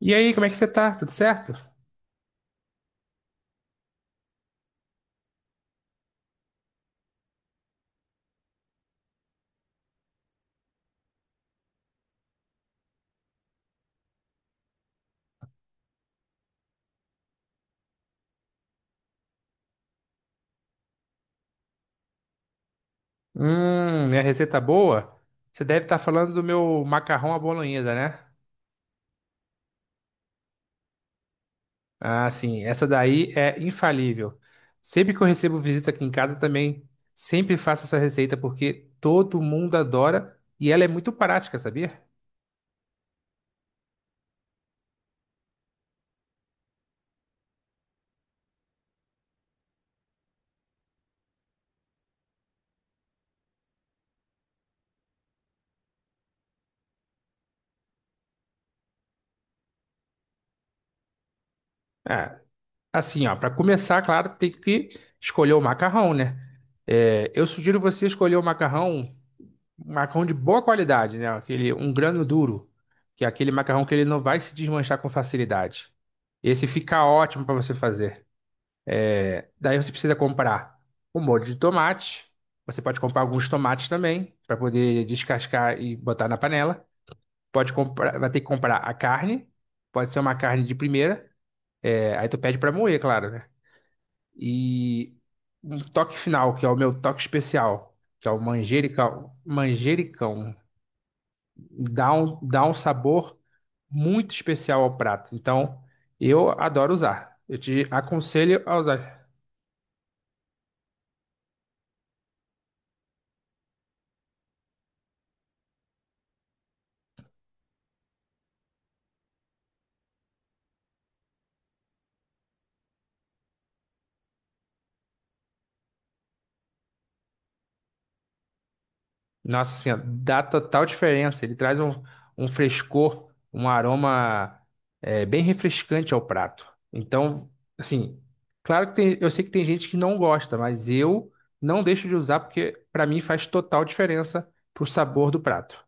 E aí, como é que você tá? Tudo certo? Minha receita boa? Você deve estar falando do meu macarrão à bolonhesa, né? Ah, sim, essa daí é infalível. Sempre que eu recebo visita aqui em casa também, sempre faço essa receita porque todo mundo adora e ela é muito prática, sabia? Ah, assim, ó, para começar, claro, tem que escolher o macarrão, né? É, eu sugiro você escolher o macarrão. Um macarrão de boa qualidade, né? Aquele, um grano duro, que é aquele macarrão que ele não vai se desmanchar com facilidade. Esse fica ótimo para você fazer. Daí você precisa comprar o molho de tomate. Você pode comprar alguns tomates também, para poder descascar e botar na panela. Pode comprar, vai ter que comprar a carne. Pode ser uma carne de primeira. É, aí tu pede para moer, claro, né? E um toque final, que é o meu toque especial, que é o manjericão. Manjericão dá um sabor muito especial ao prato. Então, eu adoro usar. Eu te aconselho a usar. Nossa Senhora, dá total diferença. Ele traz um, um frescor, um aroma, é, bem refrescante ao prato. Então, assim, claro que tem, eu sei que tem gente que não gosta, mas eu não deixo de usar porque para mim faz total diferença pro sabor do prato.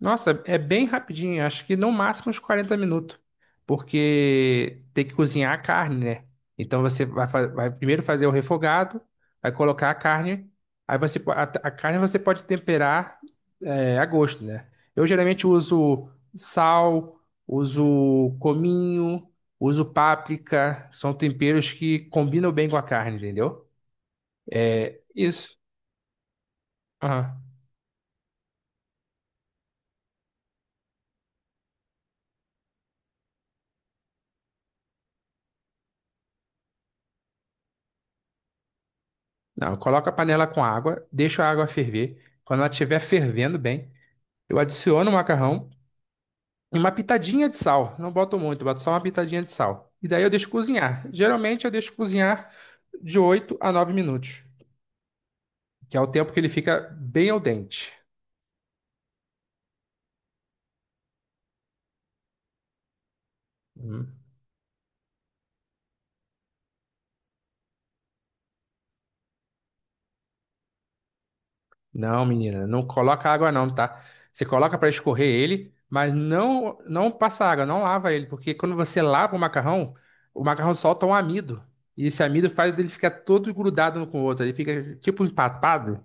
Nossa, é bem rapidinho, acho que no máximo uns 40 minutos, porque tem que cozinhar a carne, né? Então você vai, vai primeiro fazer o refogado, vai colocar a carne, aí você, a carne você pode temperar, é, a gosto, né? Eu geralmente uso sal, uso cominho, uso páprica, são temperos que combinam bem com a carne, entendeu? Isso. Aham. Não, coloca a panela com água, deixa a água ferver. Quando ela estiver fervendo bem, eu adiciono o macarrão, uma pitadinha de sal. Não boto muito, boto só uma pitadinha de sal. E daí eu deixo cozinhar. Geralmente eu deixo cozinhar de 8 a 9 minutos, que é o tempo que ele fica bem al dente. Uhum. Não, menina, não coloca água não, tá? Você coloca para escorrer ele, mas não passa água, não lava ele, porque quando você lava o macarrão solta um amido. E esse amido faz ele ficar todo grudado um com o outro, ele fica tipo empapado.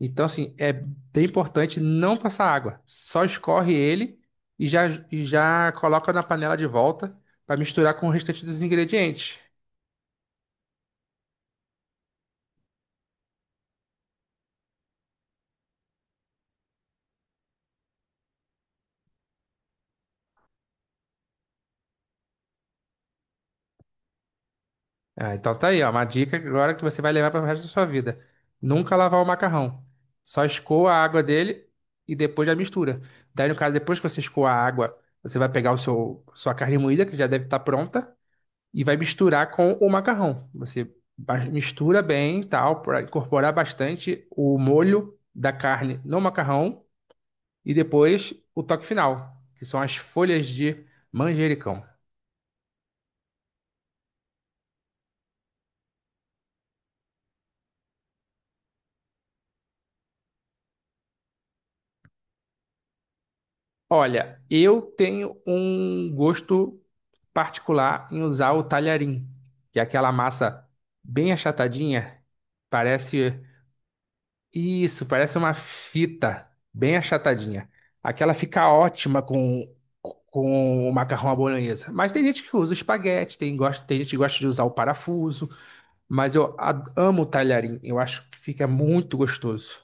Então, assim, é bem importante não passar água. Só escorre ele e já coloca na panela de volta para misturar com o restante dos ingredientes. Ah, então tá aí, ó, uma dica agora que você vai levar para o resto da sua vida. Nunca lavar o macarrão. Só escoa a água dele e depois já mistura. Daí, no caso, depois que você escoa a água, você vai pegar o sua carne moída, que já deve estar pronta, e vai misturar com o macarrão. Você mistura bem, e tal, para incorporar bastante o molho da carne no macarrão e depois o toque final, que são as folhas de manjericão. Olha, eu tenho um gosto particular em usar o talharim, que é aquela massa bem achatadinha, parece. Isso, parece uma fita bem achatadinha. Aquela fica ótima com o macarrão à bolonhesa. Mas tem gente que usa o espaguete, tem, gosta, tem gente que gosta de usar o parafuso. Mas eu amo o talharim, eu acho que fica muito gostoso.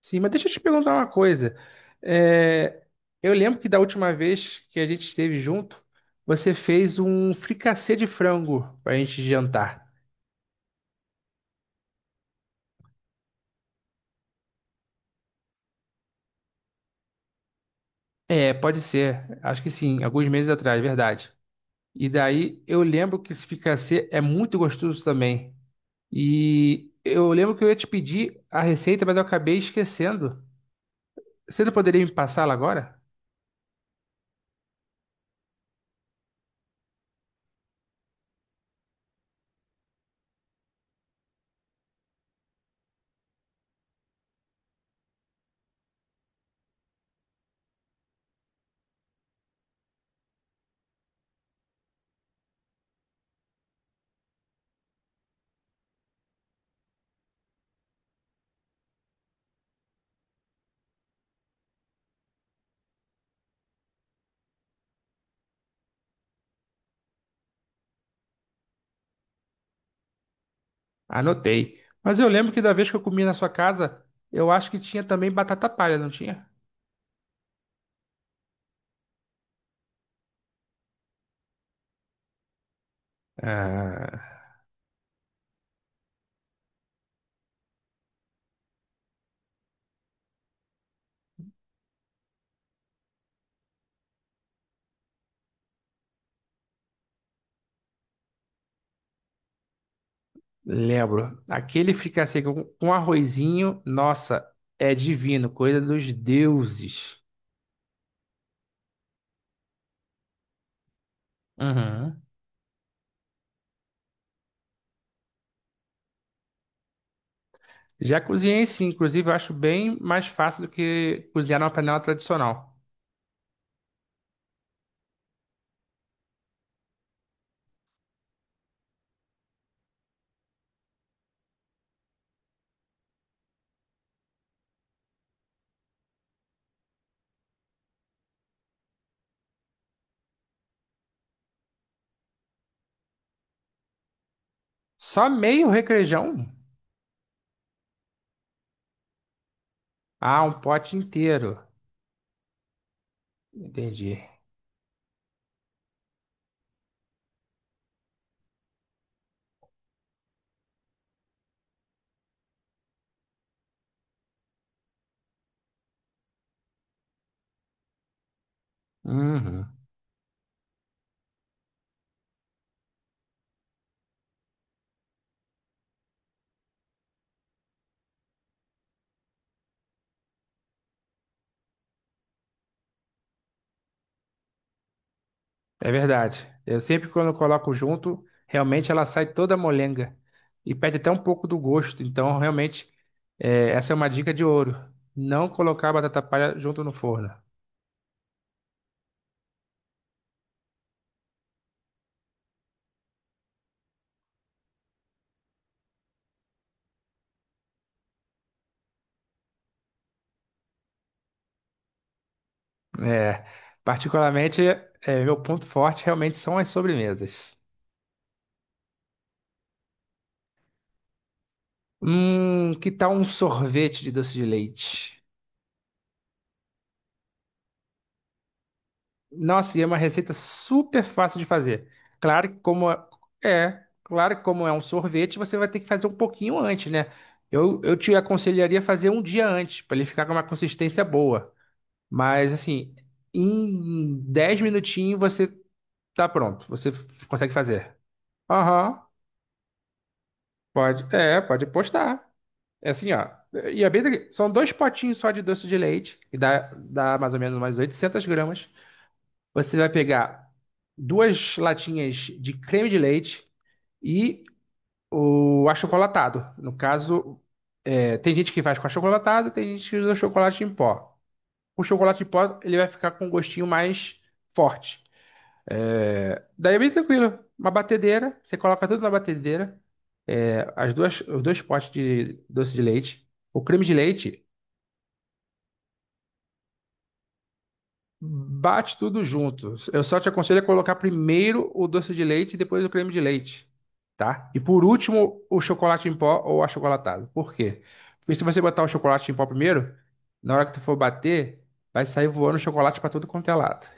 Sim, mas deixa eu te perguntar uma coisa. É, eu lembro que da última vez que a gente esteve junto, você fez um fricassê de frango para a gente jantar. É, pode ser. Acho que sim, alguns meses atrás, verdade. E daí eu lembro que esse fricassê é muito gostoso também. E eu lembro que eu ia te pedir a receita, mas eu acabei esquecendo. Você não poderia me passá-la agora? Anotei. Mas eu lembro que da vez que eu comi na sua casa, eu acho que tinha também batata palha, não tinha? Ah, lembro. Aquele fricassê com arrozinho, nossa, é divino, coisa dos deuses. Uhum. Já cozinhei sim, inclusive eu acho bem mais fácil do que cozinhar numa panela tradicional. Só meio requeijão? Ah, um pote inteiro. Entendi. Uhum. É verdade. Eu sempre quando coloco junto, realmente ela sai toda molenga e perde até um pouco do gosto. Então, realmente, é, essa é uma dica de ouro. Não colocar a batata palha junto no forno. É, particularmente, é, meu ponto forte realmente são as sobremesas. Que tal um sorvete de doce de leite? Nossa, e é uma receita super fácil de fazer. Claro que como é, é, claro que como é um sorvete, você vai ter que fazer um pouquinho antes, né? Eu te aconselharia a fazer um dia antes, para ele ficar com uma consistência boa. Mas assim, em 10 minutinhos você tá pronto. Você consegue fazer. Aham, pode. É, pode postar. É assim, ó. E é bem, são dois potinhos só de doce de leite, e dá mais ou menos umas 800 gramas. Você vai pegar duas latinhas de creme de leite e o achocolatado. No caso, é, tem gente que faz com achocolatado, tem gente que usa chocolate em pó. O chocolate em pó, ele vai ficar com um gostinho mais forte. É, daí é bem tranquilo. Uma batedeira, você coloca tudo na batedeira, é, as duas, os dois potes de doce de leite, o creme de leite. Bate tudo junto. Eu só te aconselho a colocar primeiro o doce de leite e depois o creme de leite, tá? E por último, o chocolate em pó ou achocolatado. Por quê? Porque se você botar o chocolate em pó primeiro, na hora que tu for bater, vai sair voando chocolate para tudo quanto é lado.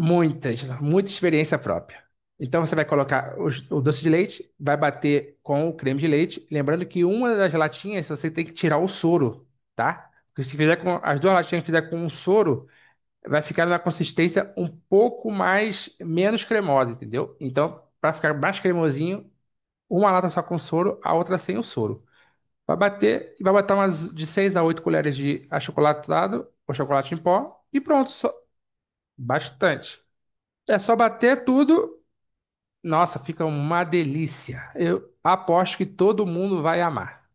Muitas, muita experiência própria. Então você vai colocar o doce de leite, vai bater com o creme de leite. Lembrando que uma das latinhas você tem que tirar o soro, tá? Porque se fizer com as duas latinhas fizer com um soro, vai ficar na consistência um pouco mais menos cremosa, entendeu? Então, para ficar mais cremosinho, uma lata só com soro, a outra sem o soro. Vai bater e vai botar umas de 6 a 8 colheres de achocolatado ou chocolate em pó e pronto, só bastante. É só bater tudo. Nossa, fica uma delícia. Eu aposto que todo mundo vai amar.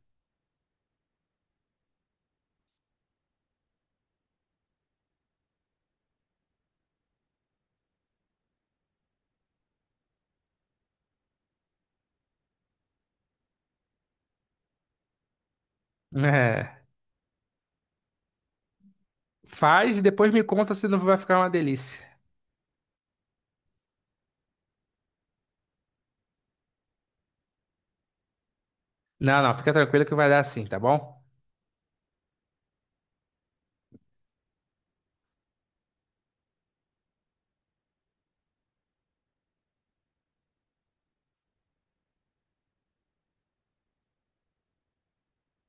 É. Faz e depois me conta se não vai ficar uma delícia. Não, não, fica tranquilo que vai dar assim, tá bom?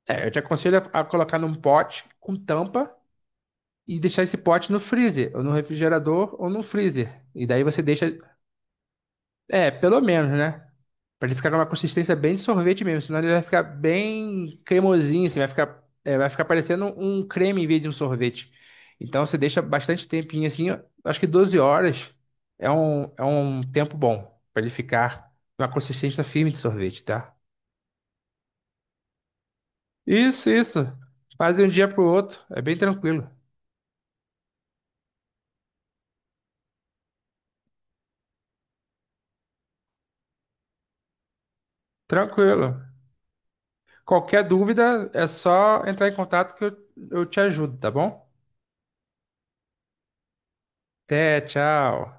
É, eu te aconselho a colocar num pote com tampa e deixar esse pote no freezer, ou no refrigerador, ou no freezer. E daí você deixa. É, pelo menos, né? Pra ele ficar numa consistência bem de sorvete mesmo, senão ele vai ficar bem cremosinho, assim, vai ficar, é, vai ficar parecendo um creme em vez de um sorvete. Então você deixa bastante tempinho assim, acho que 12 horas é um tempo bom pra ele ficar numa consistência firme de sorvete, tá? Isso, isso. Faz de um dia pro outro, é bem tranquilo. Tranquilo. Qualquer dúvida é só entrar em contato que eu te ajudo, tá bom? Até, tchau.